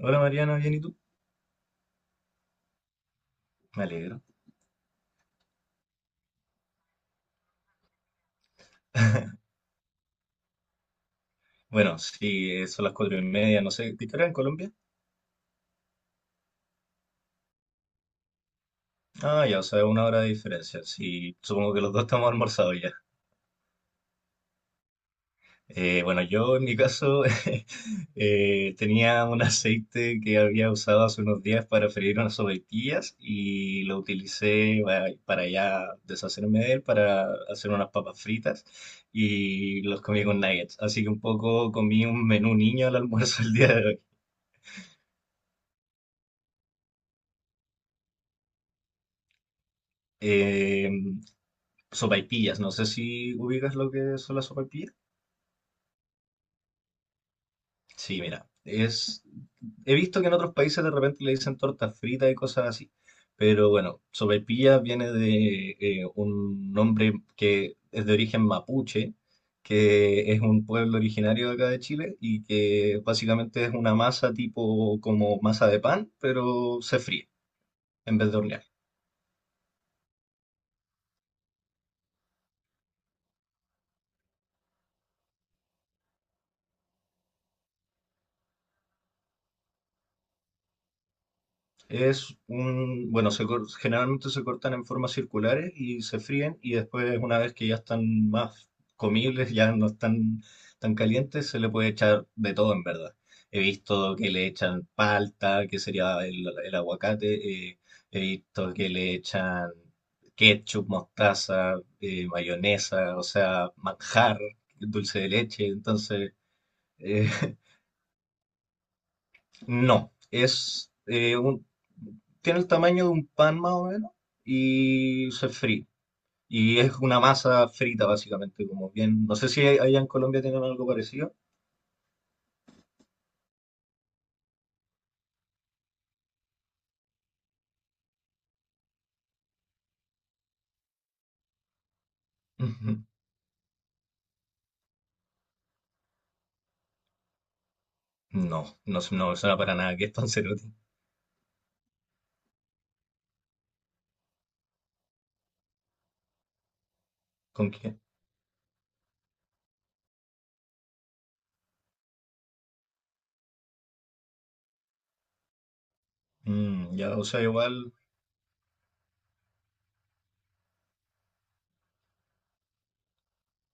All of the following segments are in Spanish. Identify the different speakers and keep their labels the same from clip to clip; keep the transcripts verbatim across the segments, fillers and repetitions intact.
Speaker 1: Hola Mariana, ¿bien y tú? Me alegro. Bueno, sí, eh, son las cuatro y media, no sé, ¿qué hora en Colombia? Ah, ya, o sea, una hora de diferencia. Sí, supongo que los dos estamos almorzados ya. Eh, bueno, yo en mi caso eh, tenía un aceite que había usado hace unos días para freír unas sopaipillas y lo utilicé ba- para ya deshacerme de él, para hacer unas papas fritas y los comí con nuggets. Así que un poco comí un menú niño al almuerzo el día de hoy. Eh, Sopaipillas, no sé si ubicas lo que son las sopaipillas. Sí, mira, es... He visto que en otros países de repente le dicen torta frita y cosas así, pero bueno, sopaipilla viene de eh, un nombre que es de origen mapuche, que es un pueblo originario de acá de Chile y que básicamente es una masa tipo como masa de pan, pero se fríe en vez de hornear. Es un, bueno, se cor- generalmente se cortan en formas circulares y se fríen y después una vez que ya están más comibles, ya no están tan calientes, se le puede echar de todo en verdad. He visto que le echan palta, que sería el, el aguacate, eh, he visto que le echan ketchup, mostaza, eh, mayonesa, o sea, manjar, dulce de leche, entonces... eh, no, es eh, un, tiene el tamaño de un pan más o menos y se fríe. Y es una masa frita básicamente, como bien. No sé si hay- allá en Colombia tienen algo parecido. Ujú. No, no, su- no me suena para nada. ¿Qué es panzerotti? ¿Con qué? Mm, ya, o sea, igual,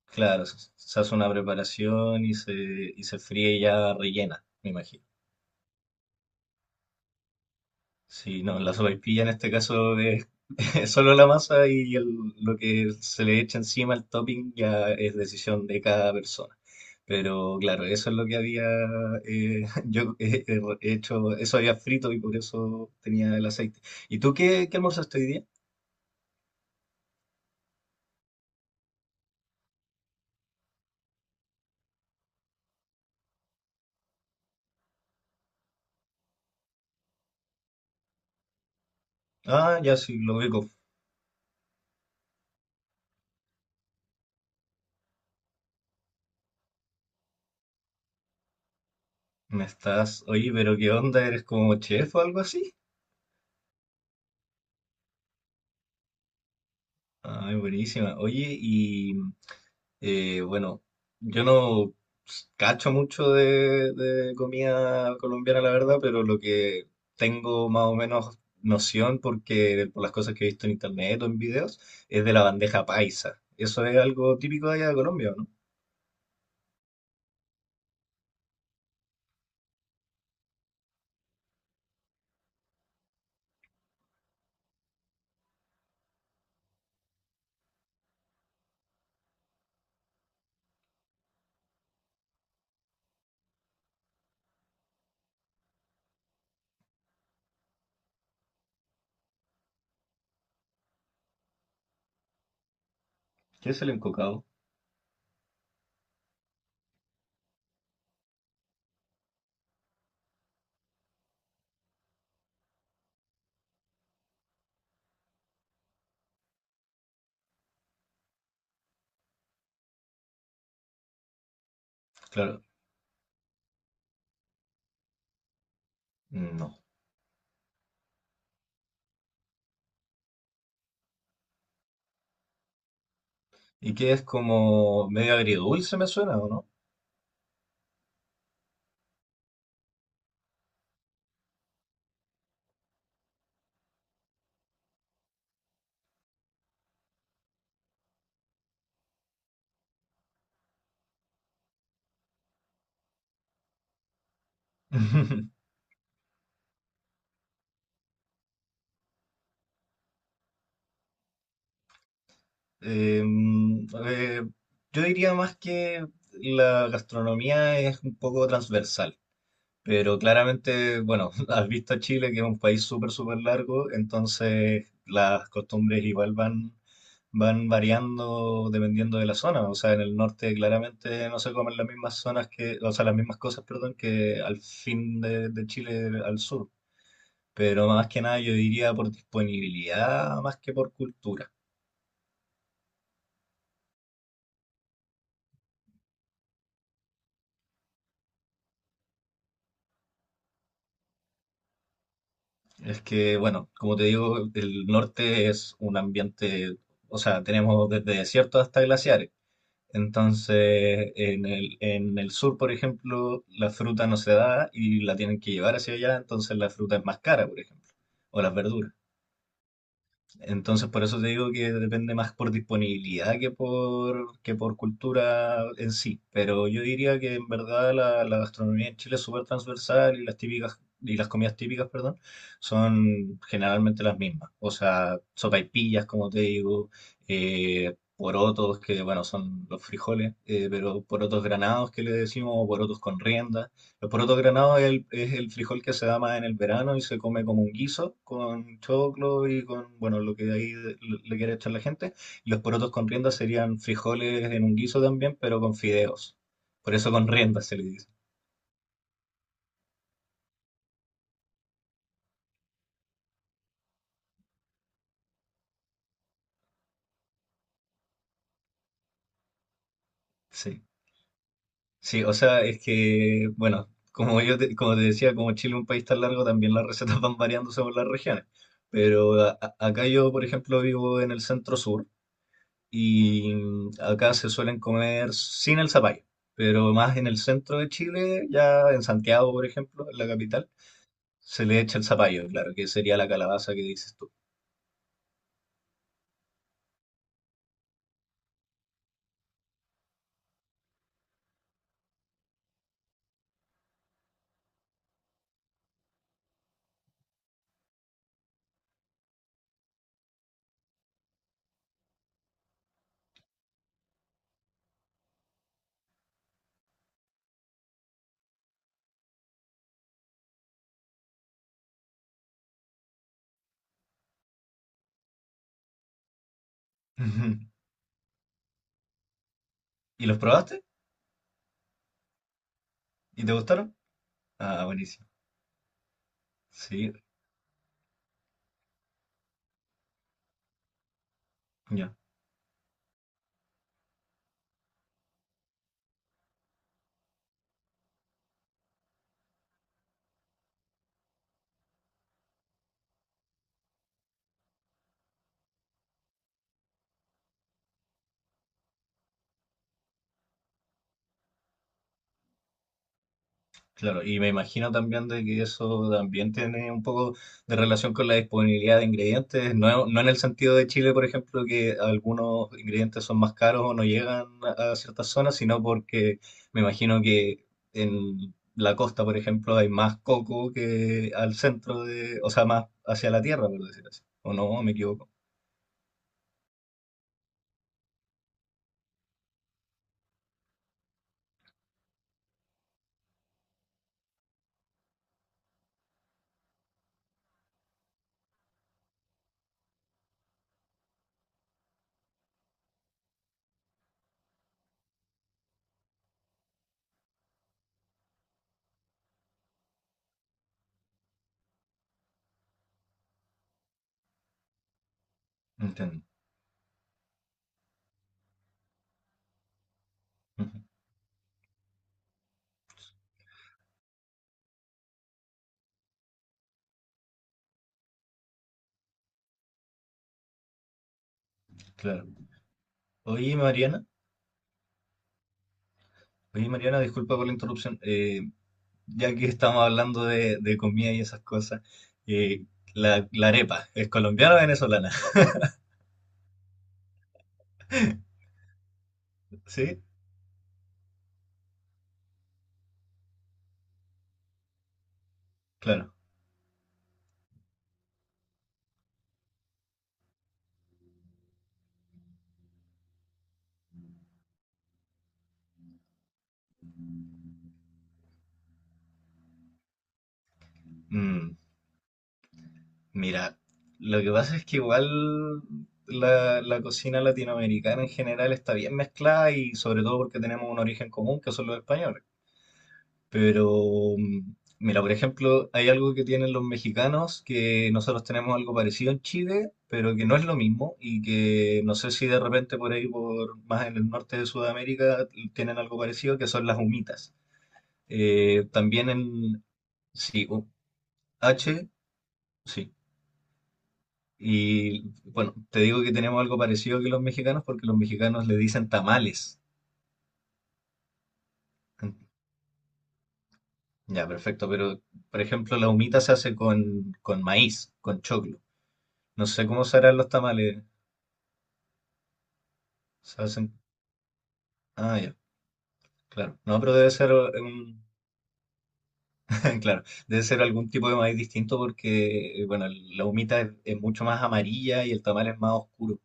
Speaker 1: claro, se, se hace una preparación y se, y se fríe ya rellena, me imagino. Sí, no, la sopaipilla en este caso es solo la masa y el- lo que se le echa encima, el topping, ya es decisión de cada persona. Pero claro, eso es lo que había eh, yo he, he hecho, eso había frito y por eso tenía el aceite. ¿Y tú qué, qué almorzaste hoy día? Ah, ya sí, lo veo. Me estás, oye, pero ¿qué onda? ¿Eres como chef o algo así? Ay, buenísima. Oye, Eh, bueno, yo no s- cacho mucho de, de comida colombiana, la verdad, pero lo que tengo más o menos noción, porque por las cosas que he visto en internet o en videos, es de la bandeja paisa. Eso es algo típico de allá de Colombia, ¿no? ¿Qué es el encocado? Claro, no. ¿Y qué es como medio agridulce, me suena, o no? Em, eh, yo diría más que la gastronomía es un poco transversal. Pero claramente, bueno, has visto a Chile, que es un país súper, súper largo, entonces las costumbres igual van, van variando dependiendo de la zona. O sea, en el norte claramente no se comen las mismas zonas que, o sea, las mismas cosas, perdón, que al fin de, de Chile al sur. Pero más que nada yo diría por disponibilidad más que por cultura. Es que, bueno, como te digo, el norte es un ambiente, o sea, tenemos desde desiertos hasta glaciares. Entonces, en el, en el sur, por ejemplo, la fruta no se da y la tienen que llevar hacia allá, entonces la fruta es más cara, por ejemplo, o las verduras. Entonces, por eso te digo que depende más por disponibilidad que por, que por cultura en sí. Pero yo diría que en verdad la, la gastronomía en Chile es súper transversal y las típicas, y las comidas típicas, perdón, son generalmente las mismas. O sea, sopaipillas, como te digo, eh, porotos, que bueno, son los frijoles, eh, pero porotos granados que le decimos, o porotos con rienda. El poroto granado es el, es el frijol que se da más en el verano y se come como un guiso con choclo y con, bueno, lo que ahí le le quiere echar la gente. Y los porotos con rienda serían frijoles en un guiso también, pero con fideos. Por eso con rienda se le dice. Sí. Sí, o sea, es que, bueno, como yo te, como te decía, como Chile es un país tan largo, también las recetas van variando según las regiones. Pero a- a- acá yo, por ejemplo, vivo en el centro sur. Y mm, acá se suelen comer sin el zapallo, pero más en el centro de Chile, ya en Santiago, por ejemplo, en la capital, se le echa el zapallo, claro, que sería la calabaza que dices tú. Ujú. ¿Y los probaste? ¿Y te gustaron? Ah, buenísimo. Sí, ya. Claro, y me imagino también de que eso también tiene un poco de relación con la disponibilidad de ingredientes, no, no en el sentido de Chile, por ejemplo, que algunos ingredientes son más caros o no llegan a ciertas zonas, sino porque me imagino que en la costa, por ejemplo, hay más coco que al centro de, o sea, más hacia la tierra, por decir así. ¿O no? ¿Me equivoco? Entiendo. Ujú. Claro. Oye, Mariana, oye, Mariana, disculpa por la interrupción. Eh, ya que estamos hablando de, de comida y esas cosas, eh, la, la arepa, ¿es colombiana o venezolana? Sí, claro. Mm, mira, lo que pasa es que igual la, la cocina latinoamericana en general está bien mezclada y sobre todo porque tenemos un origen común que son los españoles. Pero, mm, mira, por ejemplo, hay algo que tienen los mexicanos, que nosotros tenemos algo parecido en Chile, pero que no es lo mismo y que no sé si de repente por ahí, por más en el norte de Sudamérica, tienen algo parecido, que son las humitas. Eh, también en, sí, u- H, sí. Y bueno, te digo que tenemos algo parecido que los mexicanos porque los mexicanos le dicen tamales. Ya, perfecto, pero por ejemplo, la humita se hace con, con maíz, con choclo. No sé cómo se harán los tamales. Se hacen- Ah, ya, claro. No, pero debe ser un... Claro, debe ser algún tipo de maíz distinto porque, eh, bueno, la humita es, es mucho más amarilla y el tamal es más oscuro.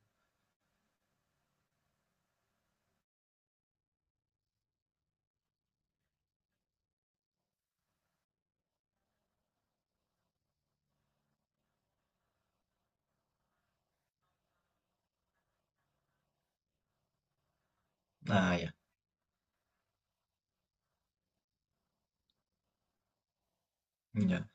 Speaker 1: Ah, ya, ya.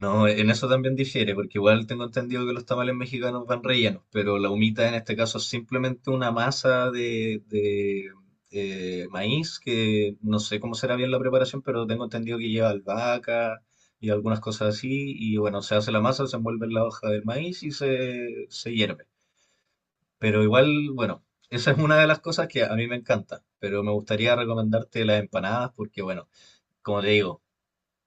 Speaker 1: No, en eso también difiere, porque igual tengo entendido que los tamales mexicanos van rellenos, pero la humita en este caso es simplemente una masa de, de, eh, maíz, que no sé cómo será bien la preparación, pero tengo entendido que lleva albahaca y algunas cosas así, y bueno, se hace la masa, se envuelve en la hoja del maíz y se, se hierve. Pero igual, bueno, esa es una de las cosas que a mí me encanta, pero me gustaría recomendarte las empanadas, porque bueno, como te digo,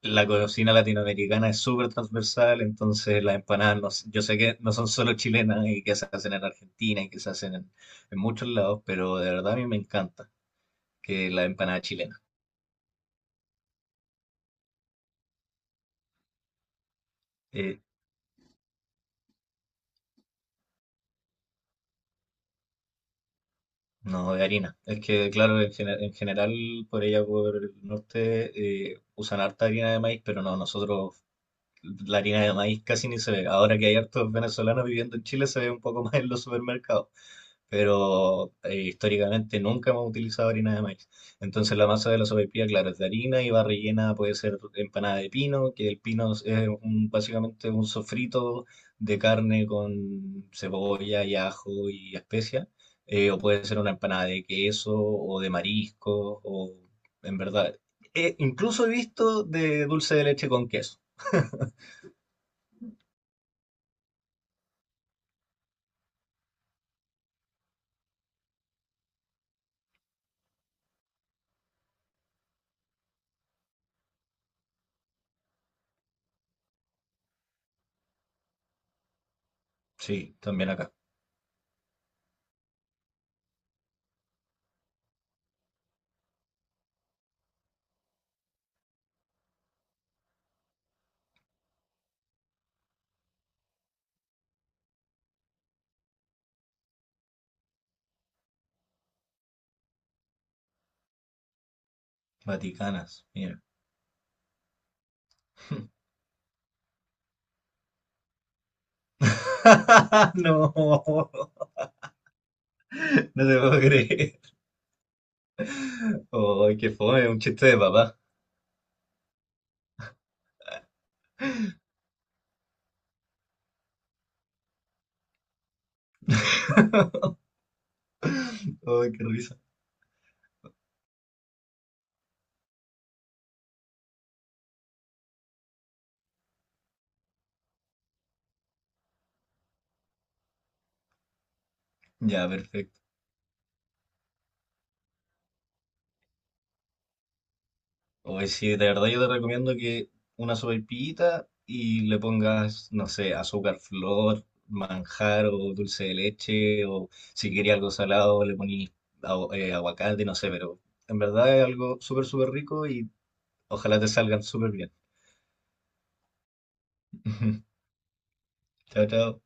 Speaker 1: la cocina latinoamericana es súper transversal, entonces las empanadas, no s- yo sé que no son solo chilenas y que se hacen en Argentina y que se hacen en, en muchos lados, pero de verdad a mí me encanta que la empanada chilena. Eh, no, de harina. Es que, claro, en, gene- en general por ella, por el norte, eh, usan harta harina de maíz, pero no, nosotros la harina de maíz casi ni se ve. Ahora que hay hartos venezolanos viviendo en Chile, se ve un poco más en los supermercados. Pero eh, históricamente nunca hemos utilizado harina de maíz. Entonces la masa de la sopaipilla, claro, es de harina y va rellena, puede ser empanada de pino, que el pino es eh, un- básicamente un sofrito de carne con cebolla y ajo y especias. eh, o puede ser una empanada de queso o de marisco, o en verdad, eh, incluso he visto de dulce de leche con queso. Sí, también acá. Vaticanas, mira. No, no te puedo creer. Ay, qué fome, un chiste de papá. Ay, qué risa. Ya, perfecto. Hoy sí, de verdad yo te recomiendo que una sopaipillita y le pongas, no sé, azúcar, flor, manjar o dulce de leche o si quería algo salado le ponís agu- eh, aguacate, no sé, pero en verdad es algo súper, súper rico y ojalá te salgan súper bien. Chao, chao.